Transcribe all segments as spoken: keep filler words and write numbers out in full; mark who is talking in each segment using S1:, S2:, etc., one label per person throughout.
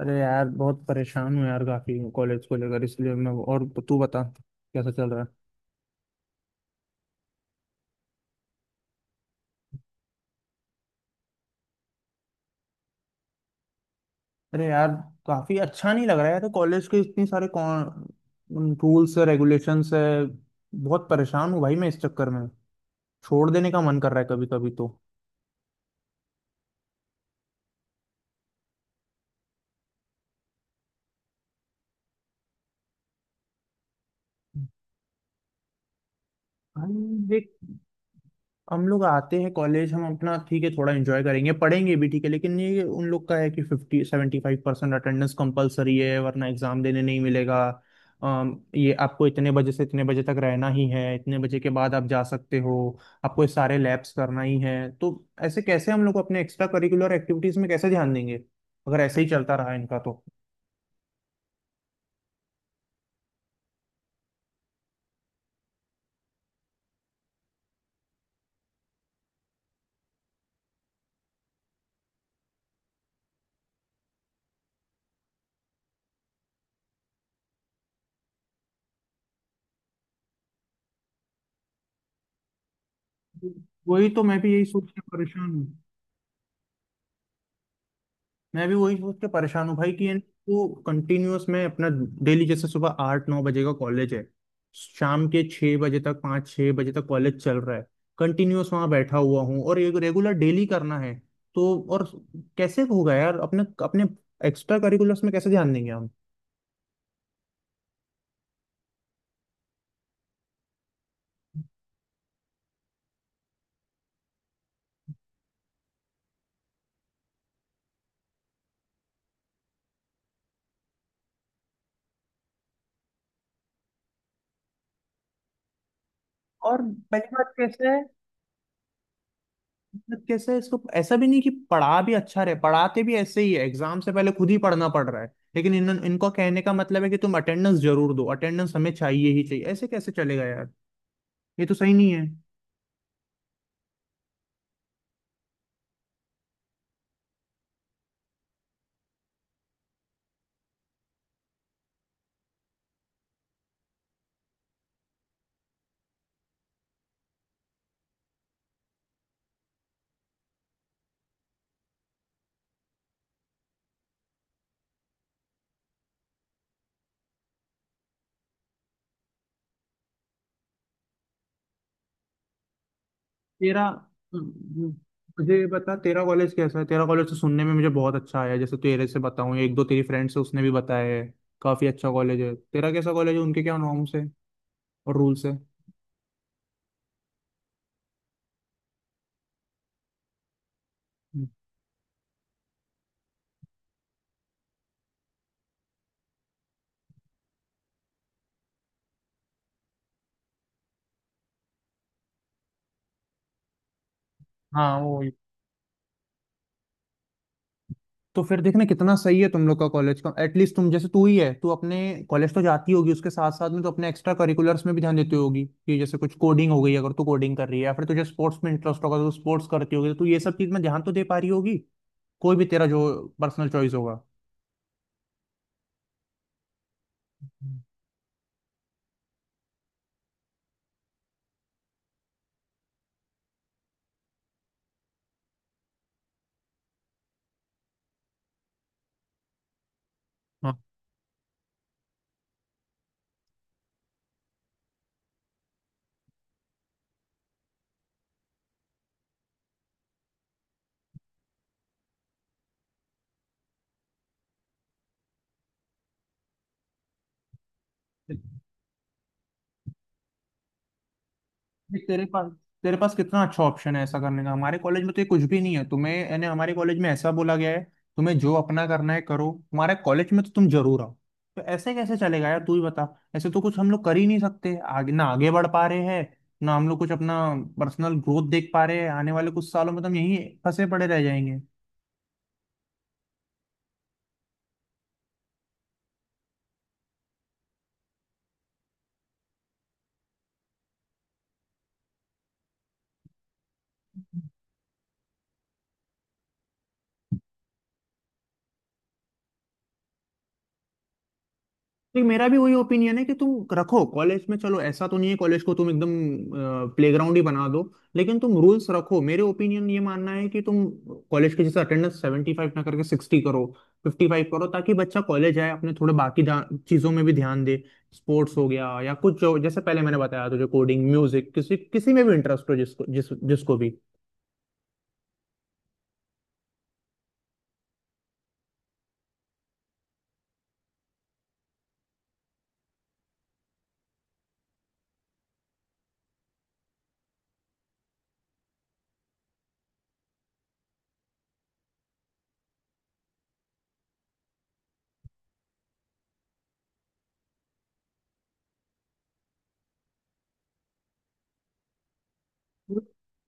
S1: अरे यार, बहुत परेशान हूँ यार, काफी कॉलेज को लेकर। इसलिए मैं, और तू बता कैसा चल रहा है। अरे यार, काफी अच्छा नहीं लग रहा है यार। कॉलेज के इतने सारे कौन रूल्स है, रेगुलेशंस है। बहुत परेशान हूँ भाई मैं इस चक्कर में। छोड़ देने का मन कर रहा है कभी कभी तो। भाई देख, हम लोग आते हैं कॉलेज, हम अपना ठीक है थोड़ा एंजॉय करेंगे, पढ़ेंगे भी ठीक है, लेकिन ये उन लोग का है कि fifty seventy five percent attendance compulsory है, वरना एग्जाम देने नहीं मिलेगा। अम, ये आपको इतने बजे से इतने बजे तक रहना ही है, इतने बजे के बाद आप जा सकते हो। आपको ये सारे लैब्स करना ही है, तो ऐसे कैसे हम लोग अपने एक्स्ट्रा करिकुलर एक्टिविटीज में कैसे ध्यान देंगे अगर ऐसे ही चलता रहा इनका तो। वही तो, मैं भी यही सोच के परेशान। मैं भी वही सोच के परेशान हूँ भाई कि यानी तू कंटिन्यूअस में अपना डेली, जैसे सुबह आठ नौ बजे का कॉलेज है, शाम के छः बजे तक, पाँच छः बजे तक कॉलेज चल रहा है। कंटिन्यूअस वहाँ बैठा हुआ हूँ, और एक रेगुलर डेली करना है तो और कैसे होगा यार, अपने अपने एक्स्ट्रा करिकुलर्स में कैसे ध्यान देंगे हम। और पहली बात कैसे है मतलब, कैसे इसको, ऐसा भी नहीं कि पढ़ा भी अच्छा रहे, पढ़ाते भी ऐसे ही है, एग्जाम से पहले खुद ही पढ़ना पड़ रहा है, लेकिन इन इनको कहने का मतलब है कि तुम अटेंडेंस जरूर दो, अटेंडेंस हमें चाहिए ही चाहिए। ऐसे कैसे चलेगा यार, ये तो सही नहीं है। तेरा मुझे ये बता, तेरा कॉलेज कैसा है। तेरा कॉलेज तो सुनने में मुझे बहुत अच्छा आया, जैसे तेरे से बताऊं, एक दो तेरी फ्रेंड से, उसने भी बताया है काफी अच्छा कॉलेज है तेरा। कैसा कॉलेज है, उनके क्या नॉर्म्स है और रूल्स है। हाँ वो। तो फिर देखना कितना सही है तुम लोग का कॉलेज का। एटलीस्ट तुम, जैसे तू ही है, तू अपने कॉलेज तो जाती होगी, उसके साथ साथ में तो अपने एक्स्ट्रा करिकुलर्स में भी ध्यान देती होगी कि जैसे कुछ कोडिंग हो गई, अगर तू कोडिंग कर रही है, या फिर तुझे स्पोर्ट्स में इंटरेस्ट होगा तो स्पोर्ट्स करती होगी, तो तू ये सब चीज में ध्यान तो दे पा रही होगी, कोई भी तेरा जो पर्सनल चॉइस होगा। हाँ, देख, तेरे पास तेरे पास कितना अच्छा ऑप्शन है ऐसा करने का। हमारे कॉलेज में तो ये कुछ भी नहीं है तुम्हें, यानी हमारे कॉलेज में ऐसा बोला गया है तुम्हें जो अपना करना है करो, हमारे कॉलेज में तो तुम जरूर आओ। तो ऐसे कैसे चलेगा यार, तू ही बता। ऐसे तो कुछ हम लोग कर ही नहीं सकते, आगे ना आगे बढ़ पा रहे हैं, ना हम लोग कुछ अपना पर्सनल ग्रोथ देख पा रहे हैं। आने वाले कुछ सालों में तो हम यहीं फंसे पड़े रह जाएंगे। नहीं, मेरा भी वही ओपिनियन है कि तुम रखो कॉलेज में, चलो ऐसा तो नहीं है कॉलेज को तुम एकदम प्लेग्राउंड ही बना दो, लेकिन तुम रूल्स रखो। मेरे ओपिनियन ये मानना है कि तुम कॉलेज के जैसे अटेंडेंस सेवेंटी फाइव ना करके सिक्सटी करो, फिफ्टी फाइव करो, ताकि बच्चा कॉलेज आए, अपने थोड़े बाकी धा- चीजों में भी ध्यान दे। स्पोर्ट्स हो गया, या कुछ जो जैसे पहले मैंने बताया तुझे, कोडिंग, म्यूजिक, किसी किसी में भी इंटरेस्ट हो, जिसको जिस जिसको भी।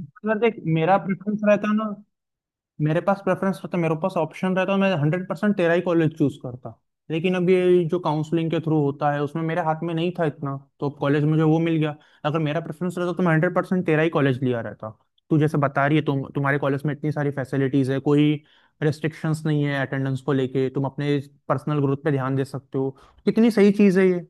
S1: अगर देख, मेरा प्रेफरेंस रहता ना, मेरे पास प्रेफरेंस होता, मेरे पास ऑप्शन रहता, मैं हंड्रेड परसेंट तेरा ही कॉलेज चूज करता, लेकिन अब ये जो काउंसलिंग के थ्रू होता है उसमें मेरे हाथ में नहीं था इतना, तो अब कॉलेज मुझे वो मिल गया। अगर मेरा प्रेफरेंस रहता तो मैं हंड्रेड परसेंट तेरा ही कॉलेज लिया रहता। तू जैसे बता रही है, तुम तुम्हारे कॉलेज में इतनी सारी फैसिलिटीज है, कोई रिस्ट्रिक्शंस नहीं है अटेंडेंस को लेके, तुम अपने पर्सनल ग्रोथ पे ध्यान दे सकते हो, कितनी सही चीज़ है ये।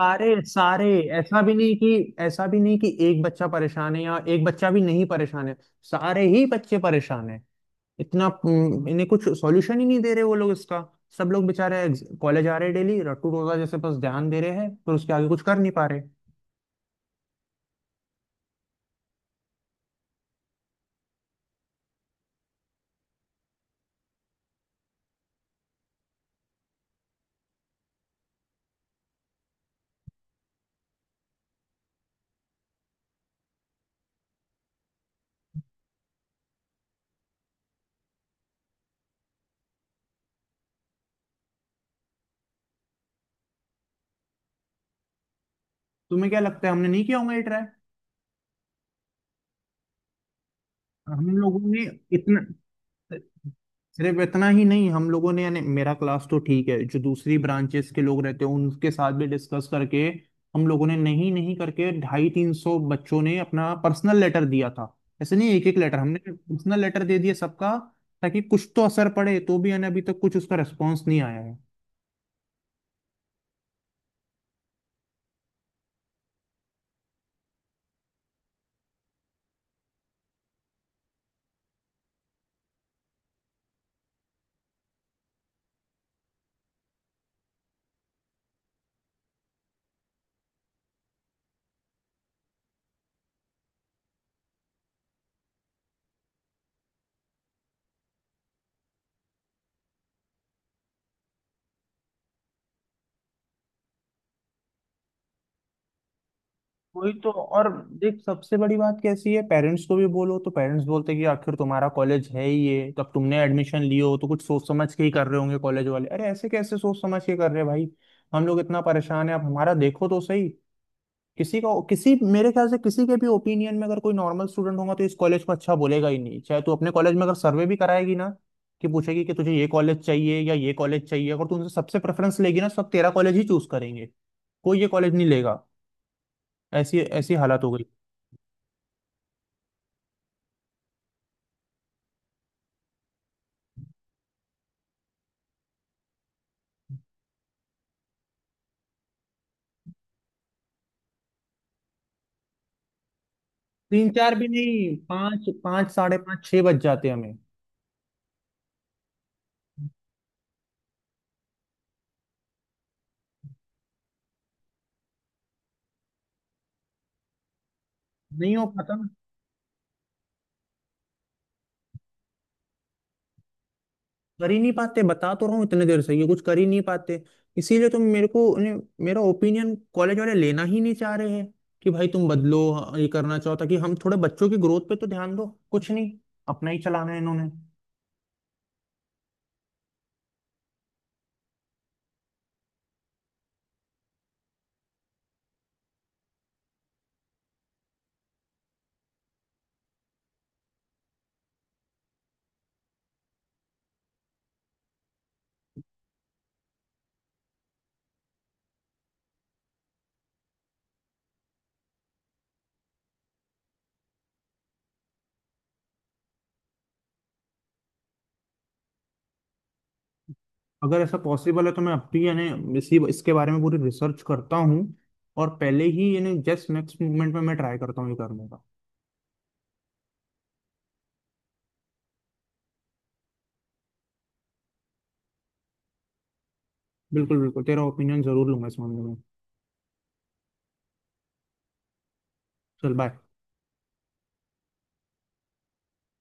S1: सारे सारे, ऐसा भी नहीं कि ऐसा भी नहीं कि एक बच्चा परेशान है या एक बच्चा भी नहीं परेशान है, सारे ही बच्चे परेशान है इतना। हम्म, इन्हें कुछ सॉल्यूशन ही नहीं दे रहे वो लोग इसका। सब लोग बेचारे कॉलेज आ रहे डेली, रट्टू रोजा जैसे बस ध्यान दे रहे हैं, पर उसके आगे कुछ कर नहीं पा रहे। तुम्हें क्या लगता है, हमने नहीं किया होगा ये ट्राई? हम लोगों ने इतना सिर्फ इतना ही नहीं, हम लोगों ने, यानी मेरा क्लास तो ठीक है, जो दूसरी ब्रांचेस के लोग रहते हैं उनके साथ भी डिस्कस करके हम लोगों ने, नहीं नहीं करके ढाई तीन सौ बच्चों ने अपना पर्सनल लेटर दिया था। ऐसे नहीं, एक एक लेटर हमने पर्सनल लेटर दे दिया सबका, ताकि कुछ तो असर पड़े, तो भी यानी अभी तक कुछ उसका रिस्पॉन्स नहीं आया है। वही तो। और देख, सबसे बड़ी बात कैसी है, पेरेंट्स को भी बोलो तो पेरेंट्स बोलते हैं कि आखिर तुम्हारा कॉलेज है ही ये, तब तुमने एडमिशन लियो हो, तो कुछ सोच समझ के ही कर रहे होंगे कॉलेज वाले। अरे ऐसे कैसे सोच समझ के कर रहे हैं भाई, हम लोग इतना परेशान है, आप हमारा देखो तो सही। किसी का किसी, मेरे ख्याल से किसी के भी ओपिनियन में, अगर कोई नॉर्मल स्टूडेंट होगा तो इस कॉलेज को अच्छा बोलेगा ही नहीं। चाहे तू अपने कॉलेज में अगर सर्वे भी कराएगी ना, कि पूछेगी कि तुझे ये कॉलेज चाहिए या ये कॉलेज चाहिए, अगर तू उनसे सबसे प्रेफरेंस लेगी ना, तो सब तेरा कॉलेज ही चूज करेंगे, कोई ये कॉलेज नहीं लेगा। ऐसी ऐसी हालत हो गई। तीन चार भी नहीं, पाँच, पाँच साढ़े पाँच, छह बज जाते हैं हमें। नहीं हो पाता ना, कर ही नहीं पाते, बता तो रहा हूँ इतने देर से, ये कुछ कर ही नहीं पाते। इसीलिए तुम, मेरे को उन्हें- मेरा ओपिनियन कॉलेज वाले लेना ही नहीं चाह रहे हैं कि भाई तुम बदलो ये, करना चाहो ताकि हम, थोड़े बच्चों की ग्रोथ पे तो ध्यान दो, कुछ नहीं, अपना ही चलाना है इन्होंने। अगर ऐसा पॉसिबल है तो मैं अब भी, यानी इसी इसके बारे में पूरी रिसर्च करता हूँ, और पहले ही यानी जस्ट नेक्स्ट मूवमेंट में मैं ट्राई करता हूँ ये करने का। बिल्कुल बिल्कुल, तेरा ओपिनियन जरूर लूंगा इस मामले में। चल, बाय।